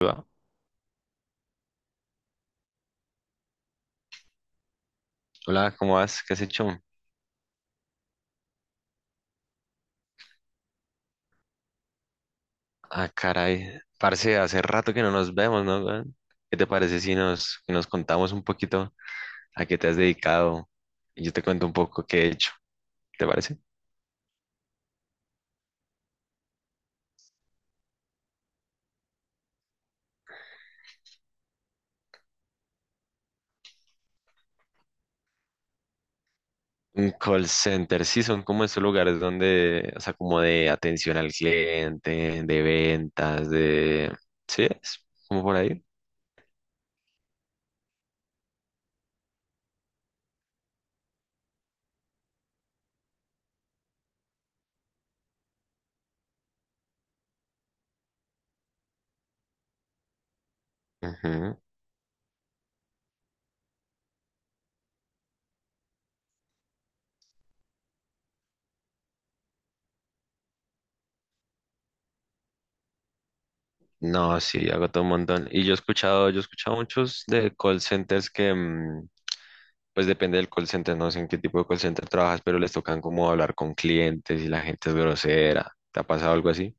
Va. Hola, ¿cómo vas? ¿Qué has hecho? Ah, caray. Parce, hace rato que no nos vemos, ¿no?, weón? ¿Qué te parece si nos contamos un poquito a qué te has dedicado? Y yo te cuento un poco qué he hecho. ¿Te parece? Un call center, sí, son como estos lugares donde, o sea, como de atención al cliente, de ventas, de... ¿Sí? es Como por ahí. Ujú. No, sí, agotó un montón. Y yo he escuchado muchos de call centers que, pues depende del call center, no sé en qué tipo de call center trabajas, pero les tocan como hablar con clientes y la gente es grosera. ¿Te ha pasado algo así?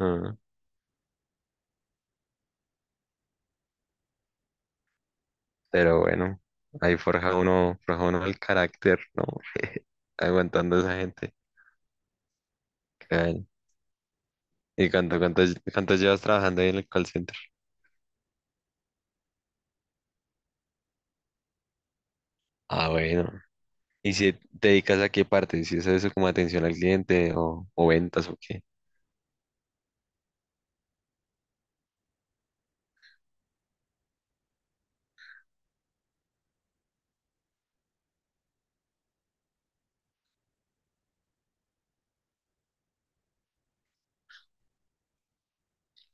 Ah, pero bueno, ahí forja uno el carácter, ¿no? Aguantando a esa gente. Caray. ¿Y cuánto llevas trabajando ahí en el call center? Ah, bueno. ¿Y si te dedicas a qué parte? ¿Si es eso como atención al cliente o ventas o qué?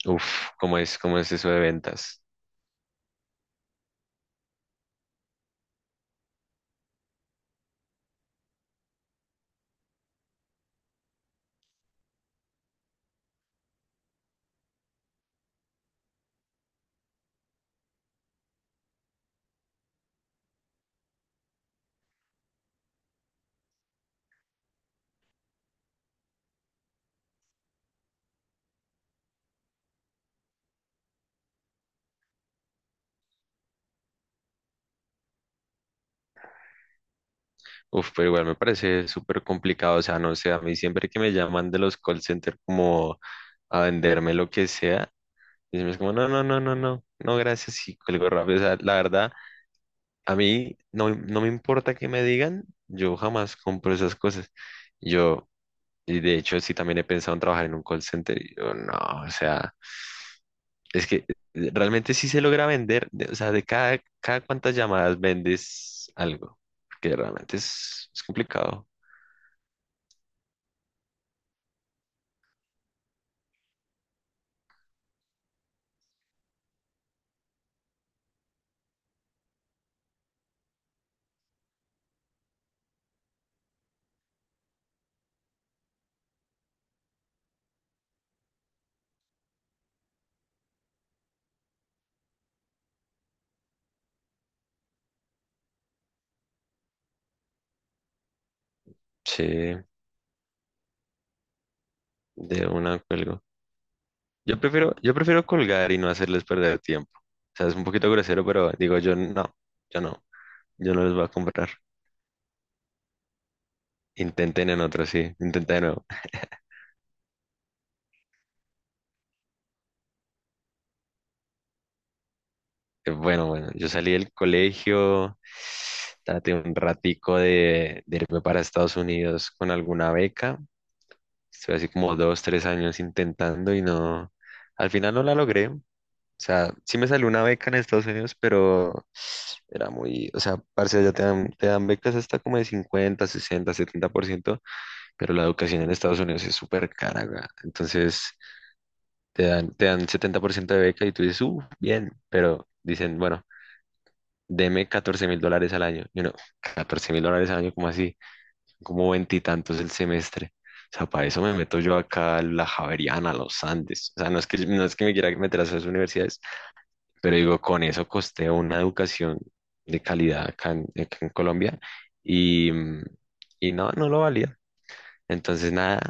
Uf, ¿cómo es eso de ventas? Uf, pero igual me parece súper complicado, o sea, no sé, a mí siempre que me llaman de los call center como a venderme lo que sea, y es como, no, no, no, no, no, no, gracias, y cuelgo rápido, o sea, la verdad, a mí no me importa que me digan, yo jamás compro esas cosas, yo, y de hecho sí también he pensado en trabajar en un call center, y yo, no, o sea... Es que realmente sí se logra vender, de- o sea, de cada cuántas llamadas vendes algo, que realmente es complicado. Sí, de una cuelgo. Yo prefiero colgar y no hacerles perder tiempo. O sea, es un poquito grosero, pero digo yo no, yo no, yo no les voy a comprar. Intenten en otro, sí, intenten de nuevo. Bueno, yo salí del colegio, traté un ratico de irme para Estados Unidos con alguna beca. Estuve así como 2, 3 años intentando y no, al final no la logré. O sea, sí me salió una beca en Estados Unidos, pero era muy, o sea, parce, allá te dan becas hasta como de 50, 60, 70%, pero la educación en Estados Unidos es súper cara, weá. Entonces te dan 70% de beca y tú dices, bien, pero dicen, bueno, deme $14,000 al año. Y uno, $14,000 al año, ¿cómo así? Como veintitantos el semestre. O sea, para eso me meto yo acá a la Javeriana, a los Andes. O sea, no es que me quiera meter a esas universidades, pero digo, con eso costeo una educación de calidad acá en Colombia y, y no, no lo valía. Entonces, nada,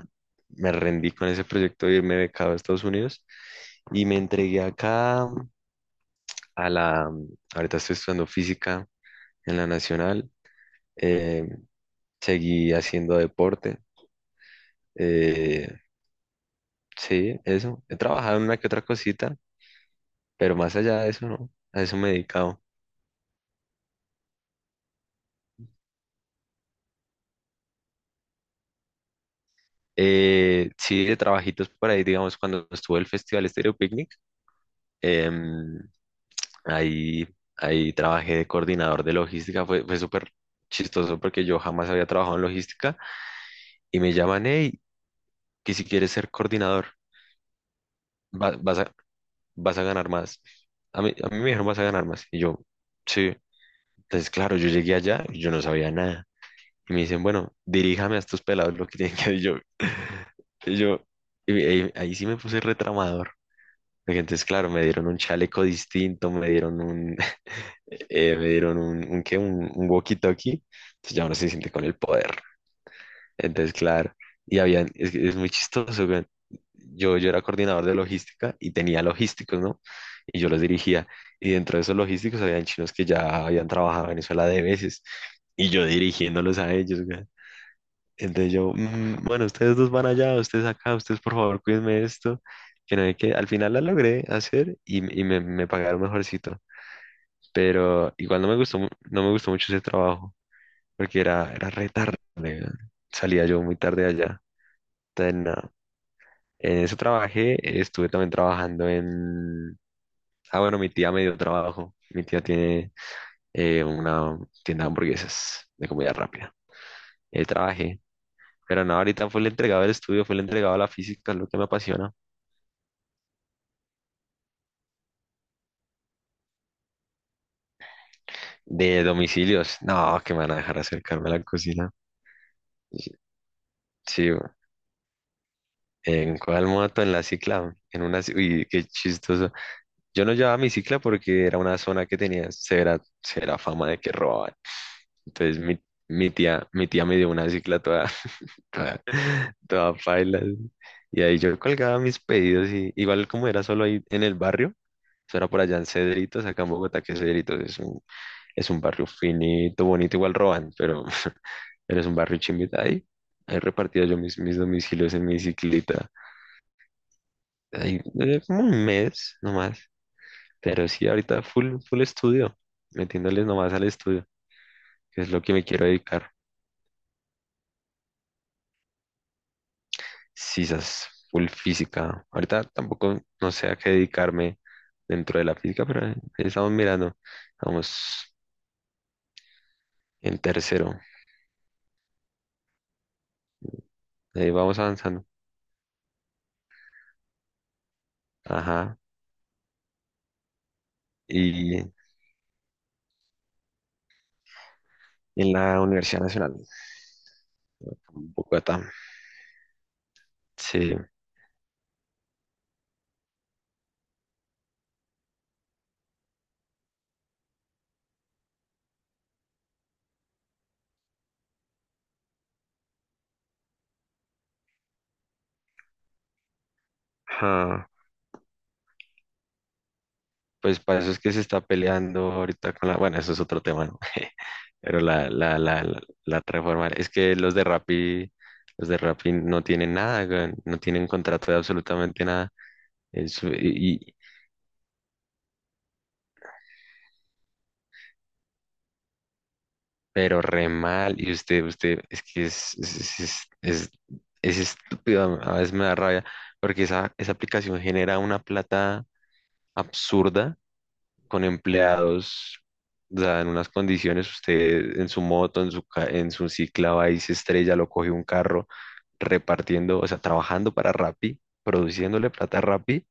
me rendí con ese proyecto de irme becado a Estados Unidos y me entregué acá a la, ahorita estoy estudiando física en la Nacional, eh, seguí haciendo deporte. eh, Sí, eso. He trabajado en una que otra cosita, pero más allá de eso, no. A eso me he dedicado. Sí, de trabajitos por ahí, digamos, cuando estuvo el Festival Stereo Picnic, em, ahí, ahí trabajé de coordinador de logística. Fue súper chistoso porque yo jamás había trabajado en logística y me llaman, hey, que si quieres ser coordinador, va- vas a, vas a ganar más. A mí me dijeron, vas a ganar más. Y yo, sí. Entonces, claro, yo llegué allá y yo no sabía nada. Y me dicen, bueno, diríjame a estos pelados lo que tienen que hacer. Y yo, y yo, y ahí sí me puse retramador. Porque entonces, claro, me dieron un chaleco distinto, me dieron un, me dieron un ¿qué? Un walkie-talkie. Entonces ya uno se siente con el poder. Entonces, claro, y habían, es, que es muy chistoso, weón. Yo era coordinador de logística y tenía logísticos, ¿no? Y yo los dirigía. Y dentro de esos logísticos habían chinos que ya habían trabajado en Venezuela de veces. Y yo dirigiéndolos a ellos, entonces yo, "Mm, bueno, ustedes dos van allá, ustedes acá, ustedes por favor cuídenme esto, que no hay que, al final la logré hacer y, m- y me pagaron mejorcito, pero igual no me gustó, mu- no me gustó mucho ese trabajo, porque era re tarde, weón. Salía yo muy tarde de allá, entonces nada, en eso trabajé, estuve también trabajando en, ah bueno, mi tía me dio trabajo, mi tía tiene una tienda de hamburguesas de comida rápida, ahí trabajé. Pero no, ahorita fue el entregado del estudio, fue el entregado a la física, es lo que me apasiona. De domicilios. No, que me van a dejar acercarme a la cocina. Sí, güey. ¿En cuál moto? En la cicla. En una, ci- uy, qué chistoso. Yo no llevaba mi cicla porque era una zona que tenía severa fama de que robaban. Entonces mi, mi tía me dio una cicla toda, toda, toda paila. Y ahí yo colgaba mis pedidos y igual como era solo ahí en el barrio. Eso era por allá en Cedritos, acá en Bogotá, que Cedritos es un barrio finito, bonito, igual roban, pero eres un barrio chimbita ahí. Ahí repartía yo mis domicilios en mi bicicleta. Ahí, como un mes nomás. Pero sí, ahorita full estudio, metiéndole nomás al estudio, que es lo que me quiero dedicar. Sisas, full física. Ahorita tampoco no sé a qué dedicarme dentro de la física, pero estamos mirando. Vamos en tercero. Ahí vamos avanzando. Ajá. Y en la Universidad Nacional, en Bogotá. Sí. Ajá. Pues para eso es que se está peleando ahorita con la, bueno, eso es otro tema, ¿no? Pero la reforma, es que los de Rappi no tienen nada, weón, no tienen contrato de absolutamente nada. Eso y- pero re mal, y usted, es que es estúpido, a veces me da rabia, porque esa aplicación genera una plata absurda con empleados, o sea, en unas condiciones, usted en su moto, en su, ca- en su cicla va y se estrella, lo coge un carro repartiendo, o sea, trabajando para Rappi, produciéndole plata a Rappi,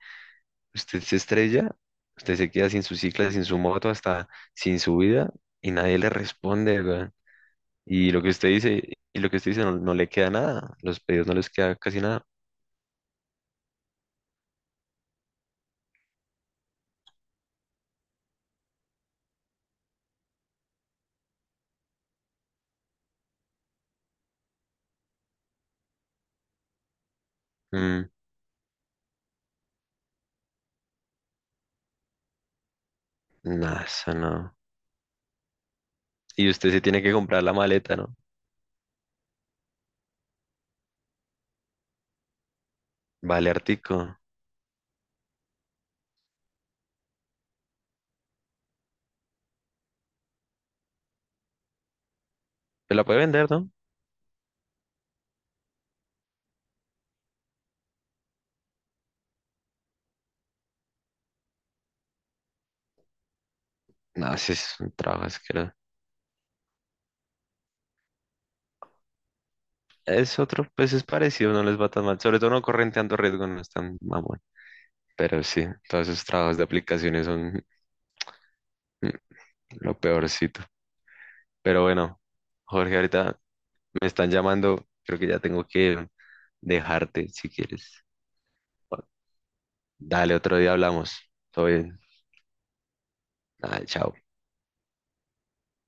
usted se estrella, usted se queda sin su cicla, sin su moto, hasta sin su vida, y nadie le responde, weón. Y lo que usted dice, y lo que usted dice no, no le queda nada, los pedidos no les queda casi nada. Mm, nada, eso no. Y usted se tiene que comprar la maleta, ¿no? Vale, Artico. Pero la puede vender, ¿no? No, sí es un trabajo asqueroso. Es otro, pues es parecido, no les va tan mal. Sobre todo no corren tanto riesgo, no es tan mamón. Pero sí, todos esos trabajos de aplicaciones son mm, lo peorcito. Pero bueno, Jorge, ahorita me están llamando. Creo que ya tengo que dejarte si quieres. Bueno, dale, otro día hablamos. Todo bien. Ah, chao.